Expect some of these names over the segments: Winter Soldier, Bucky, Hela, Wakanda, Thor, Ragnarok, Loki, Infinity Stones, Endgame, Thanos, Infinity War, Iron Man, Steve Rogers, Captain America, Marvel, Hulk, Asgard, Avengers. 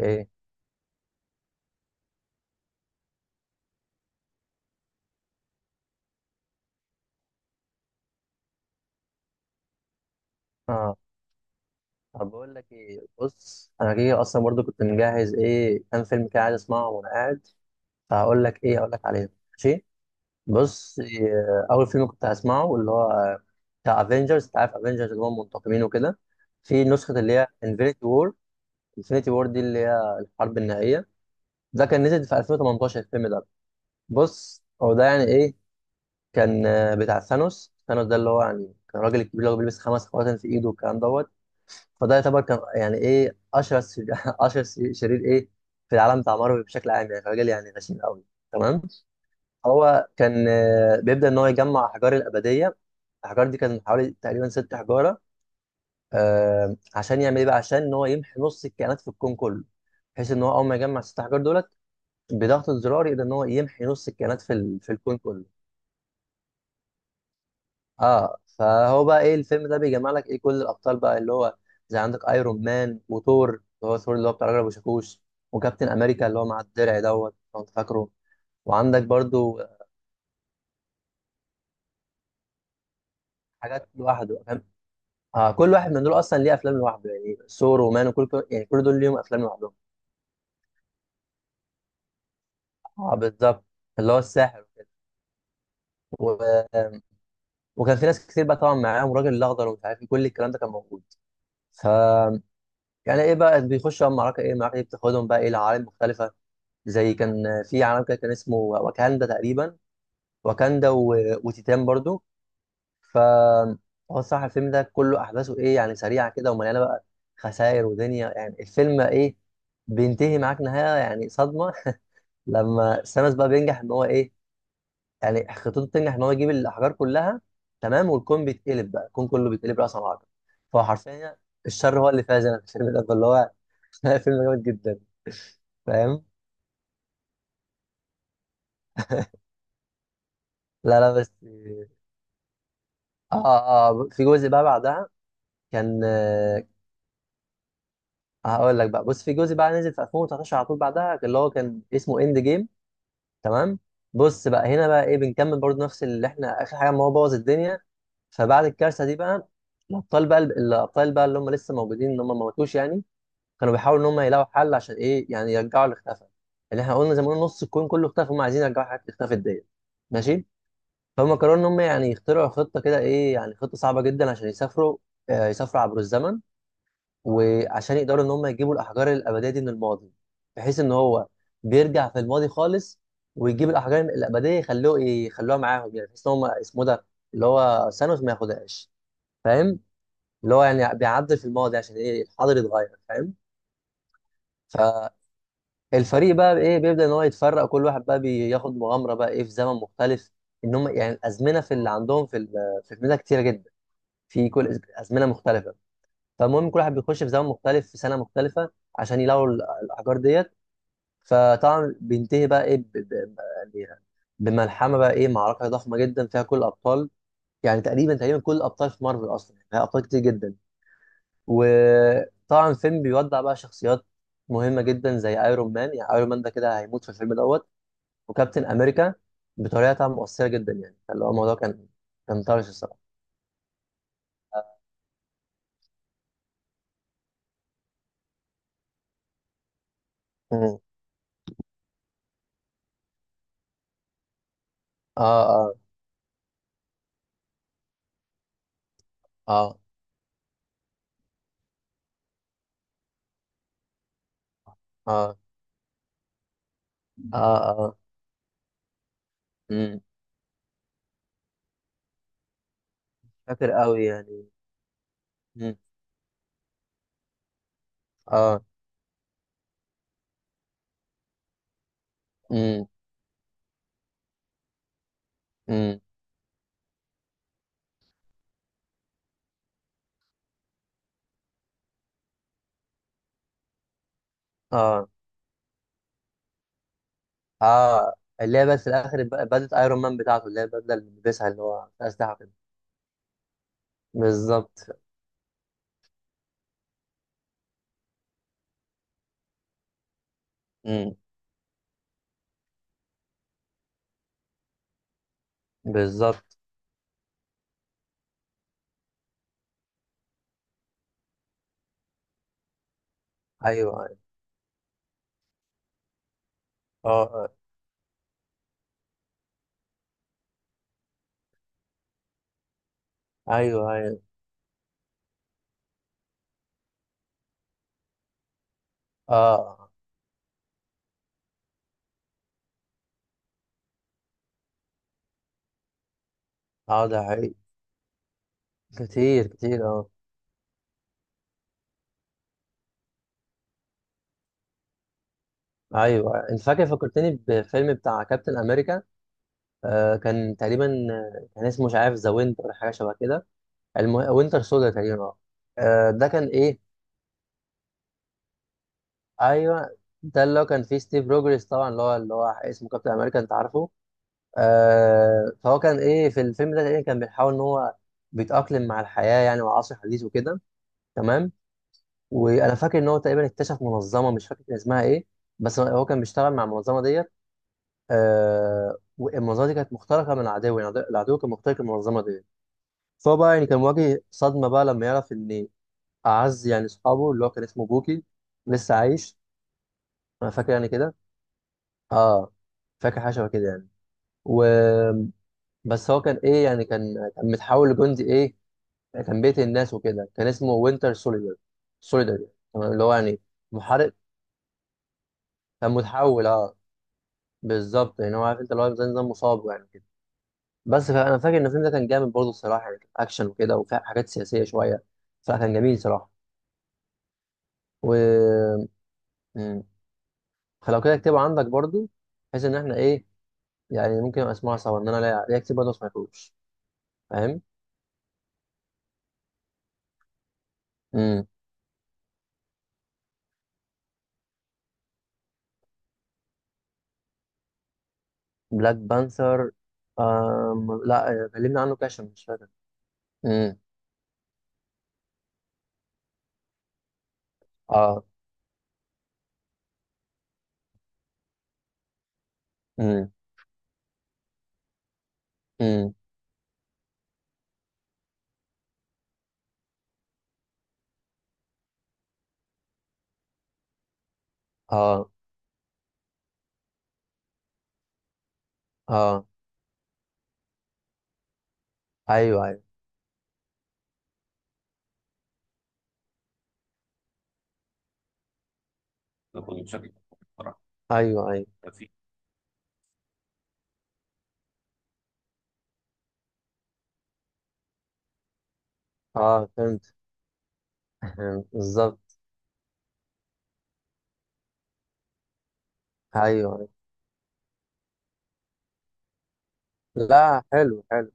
ايه. اه. طب بقول لك ايه، بص انا كده اصلا برضو كنت مجهز ايه كام فيلم كده عايز اسمعه وانا قاعد. فهقول لك ايه، اقول لك عليه. ماشي. بص إيه، اول فيلم كنت هسمعه اللي هو بتاع افنجرز، انت عارف افنجرز اللي هم منتقمين وكده. في نسخه اللي هي انفينيتي وور. انفينيتي وور دي اللي هي الحرب النهائيه. ده كان نزل في 2018 الفيلم ده. بص هو ده يعني ايه، كان بتاع ثانوس. ثانوس ده اللي هو يعني كان الراجل الكبير اللي هو بيلبس خمس خواتم في ايده والكلام دوت. فده يعتبر كان يعني ايه اشهر اشهر شرير ايه في العالم بتاع مارفل بشكل عام، يعني راجل يعني غشيم قوي. تمام. هو كان بيبدا ان هو يجمع احجار الابديه. الاحجار دي كان حوالي تقريبا ست حجاره. عشان يعمل ايه بقى، عشان ان هو يمحي نص الكائنات في الكون كله. بحيث ان هو اول ما يجمع ست احجار دولت بضغط الزرار يقدر ان هو يمحي نص الكائنات في الكون كله. اه، فهو بقى ايه، الفيلم ده بيجمع لك ايه كل الابطال بقى اللي هو زي عندك ايرون مان وثور. اللي هو ثور اللي هو بتاع راجل ابو شاكوش، وكابتن امريكا اللي هو مع الدرع دوت لو انت فاكره. وعندك برضو حاجات لوحده، فاهم. اه، كل واحد من دول اصلا ليه افلام لوحده، يعني ثور ومان يعني كل دول ليهم افلام لوحدهم. اه بالظبط، اللي هو الساحر وكده. و... وكان في ناس كتير بقى طبعا معاهم الراجل الاخضر ومش عارف ايه، كل الكلام ده كان موجود. ف يعني ايه بقى بيخشوا بقى معركه، ايه المعركه دي، بتاخدهم بقى ايه لعوالم مختلفه. زي كان في عالم كده كان اسمه واكاندا تقريبا. واكاندا وتيتان برضو. ف هو الصراحه الفيلم ده كله احداثه ايه يعني سريعه كده ومليانه بقى خسائر ودنيا، يعني الفيلم ايه بينتهي معاك نهايه يعني صدمه. لما سامس بقى بينجح ان هو ايه، يعني خطته بتنجح ان هو يجيب الاحجار كلها. تمام، والكون بيتقلب بقى، الكون كله بيتقلب راسا على عقب. فهو حرفيا الشر هو اللي فاز انا في الفيلم ده اللي هو فيلم جامد جدا. فاهم. لا لا بس. اه اه، في جزء بقى بعدها. كان آه، هقول لك بقى، بص، في جزء بقى نزل في 2019 على طول بعدها اللي هو كان اسمه اند جيم. تمام. بص بقى هنا بقى ايه بنكمل برضو نفس اللي احنا اخر حاجه ما هو بوظ الدنيا. فبعد الكارثه دي بقى الابطال بقى اللي هم لسه موجودين ان هم ما ماتوش يعني كانوا بيحاولوا ان هم يلاقوا حل عشان ايه يعني يرجعوا اللي اختفى. اللي احنا قلنا زي ما قلنا نص الكون كله اختفى، هم عايزين يرجعوا الحاجات اللي اختفت ديت. ماشي. فهم قرروا ان هم يعني يخترعوا خطه كده ايه، يعني خطه صعبه جدا عشان يسافروا عبر الزمن. وعشان يقدروا ان هم يجيبوا الاحجار الابديه دي من الماضي. بحيث ان هو بيرجع في الماضي خالص ويجيب الاحجار الابديه، يخلوها معاهم يعني، بحيث ان هم اسمه ده اللي هو ثانوس ما ياخدهاش. فاهم. اللي هو يعني بيعدل في الماضي عشان ايه الحاضر يتغير. فاهم. فالفريق بقى ايه بيبدا ان هو يتفرق، كل واحد بقى بياخد مغامره بقى ايه في زمن مختلف. ان هم يعني الازمنه في اللي عندهم في الفيلم ده كتيره جدا، في كل ازمنه مختلفه. فالمهم كل واحد بيخش في زمن مختلف في سنه مختلفه عشان يلاقوا الاحجار ديت. فطبعا بينتهي بقى ايه يعني بملحمه بقى ايه، معركه ضخمه جدا فيها كل الابطال، يعني تقريبا تقريبا كل الابطال في مارفل اصلا، يعني فيها ابطال كتير جدا. وطبعا الفيلم بيودع بقى شخصيات مهمه جدا زي ايرون مان، يعني ايرون مان ده كده هيموت في الفيلم دوت، وكابتن امريكا، بطريقه طبعاً مؤثره جدا يعني. فاللي هو الموضوع كان طرش الصراحه. مم. اه. اه. اه. اه. اه. اه. مم. فاكر قوي يعني. مم. اه. مم. مم. اه. اه. اللي هي بس في الاخر بدلة ايرون مان بتاعته اللي هي البدله اللي بيلبسها، اللي هو في اسلحه كده. بالظبط. مم. بالظبط. ايوه ايوه. اه. آه. ايوه ايوه. اه اه، ده حقيقي، كتير كتير، اه. ايوه أيوه. انت فاكر فكرتني بفيلم بتاع كابتن امريكا. كان تقريبا كان اسمه مش عارف، ذا وينتر حاجه شبه كده. وينتر سودا تقريبا، اه. ده كان ايه. ايوه ده اللي هو كان فيه ستيف روجرز طبعا، اللي هو اللي هو اسمه كابتن امريكا، انت عارفه. فهو كان ايه في الفيلم ده تقريبا كان بيحاول ان هو بيتاقلم مع الحياه يعني والعصر الحديث وكده. تمام. وانا فاكر ان هو تقريبا اكتشف منظمه، مش فاكر كان اسمها ايه، بس هو كان بيشتغل مع المنظمه ديت. والمنظمه دي كانت مخترقه من العدو، يعني العدو كان مخترق المنظمه ديت. فهو بقى يعني كان مواجه صدمه بقى لما يعرف ان اعز يعني اصحابه اللي هو كان اسمه بوكي لسه عايش. انا فاكر يعني كده. اه، فاكر حاجه شبه كده يعني. و بس هو كان ايه يعني كان متحول لجندي ايه، كان بيقتل الناس وكده، كان اسمه وينتر سوليدر. سوليدر يعني. تمام، اللي هو يعني محارب. كان متحول، اه. بالظبط، يعني هو عارف انت، اللي هو زي نظام مصاب يعني كده. بس فانا فاكر ان الفيلم ده كان جامد برضه الصراحه، يعني كان اكشن وكده وفيه حاجات سياسيه شويه، فكان جميل صراحه. و مم. فلو كده اكتبه عندك برضه، بحيث ان احنا ايه، يعني ممكن أبقى اسمعها سوا ان انا لا لا اكتب برضه ما اسمعهوش. فاهم؟ مم. بلاك بانثر. لا، كلمنا عنه كده عشان مش فاكر. امم. اه. امم. امم. اه. اه. ايوه ايوه ده كله بشكل بصراحة. ايوه ايوه ده فيه. اه، فهمت. بالظبط. ايوه أيوة. لا حلو حلو.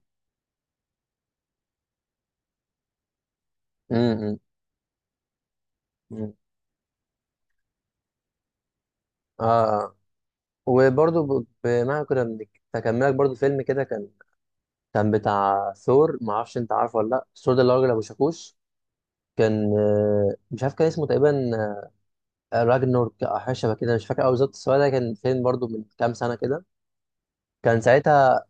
امم. أمم. اه. آه. وبرضه بما كنا تكملك برضه فيلم كده كان بتاع ثور، ما اعرفش انت عارفه ولا لا. ثور ده اللي هو راجل ابو شاكوش. كان مش عارف كان اسمه تقريبا راجنورك او حاجه شبه كده، مش فاكر قوي بالظبط، بس هو ده كان فيلم برضو من كام سنه كده. كان ساعتها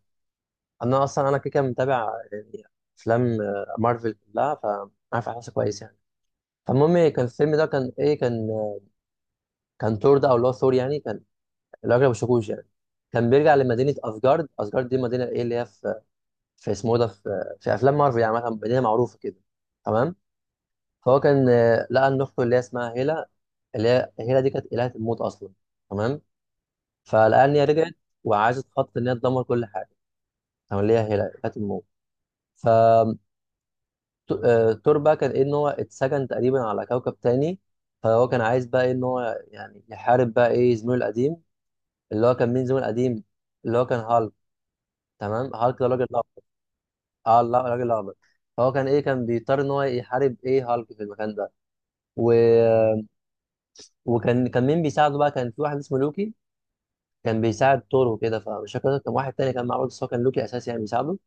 انا اصلا انا كده كده متابع يعني افلام مارفل كلها، فعارف احساسه كويس يعني. فالمهم كان الفيلم ده كان ايه، كان ثور ده او اللي هو ثور يعني، كان الراجل ابو شاكوش يعني. كان بيرجع لمدينه اسجارد. اسجارد دي مدينه ايه اللي هي في اسمه إيه ده، في افلام مارفل يعني، مثلا مدينه معروفه كده. تمام. فهو كان لقى ان اخته اللي هي اسمها هيلا، اللي هي هيلا دي كانت الهه الموت اصلا. تمام. فالأنيا رجعت وعايزة تخطط إن هي تدمر كل حاجة، أو اللي هي هيلا كانت الموت. فتور بقى كان إيه إن هو اتسجن تقريبا على كوكب تاني، فهو كان عايز بقى إيه إن هو يعني يحارب بقى إيه زميله القديم. اللي هو كان مين زميله القديم؟ اللي هو كان هالك. تمام، هالك ده راجل الأخضر. أه لا، الراجل الأخضر. فهو كان إيه، كان بيضطر إن هو يحارب إيه هالك في المكان ده. و... وكان مين بيساعده بقى؟ كان في واحد اسمه لوكي، كان بيساعد تور وكده. فمش فاكر كان واحد تاني كان معاه برضه، بس هو كان لوكي أساسي يعني بيساعده.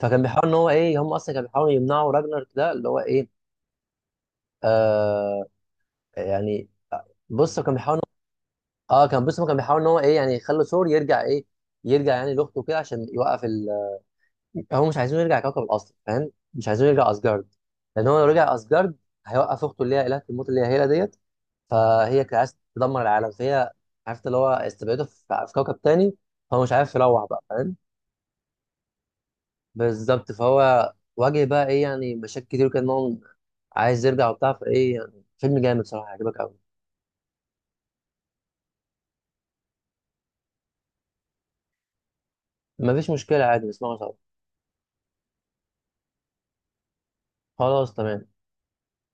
فكان بيحاول ان هو ايه، هم اصلا كانوا بيحاولوا يمنعوا راجنر ده اللي هو ايه آه يعني. بص كان بيحاول، اه، بص كان بيحاول ان هو ايه يعني يخلي ثور يرجع ايه، يرجع يعني لاخته كده عشان يوقف هو مش عايزينه يرجع كوكب الارض، فاهم، مش عايزينه يرجع اسجارد. لان هو لو رجع اسجارد هيوقف اخته اللي هي الهه الموت اللي هي هيلا ديت. فهي كانت عايزه تدمر العالم، فهي عرفت اللي هو استبعده في كوكب تاني، هو مش عارف يروح بقى، فاهم. بالظبط، فهو واجه بقى ايه يعني مشاكل كتير، كان هو عايز يرجع وبتاع، فايه يعني، فيلم جامد صراحه هيعجبك قوي. مفيش مشكله عادي نسمعه سوا. خلاص تمام.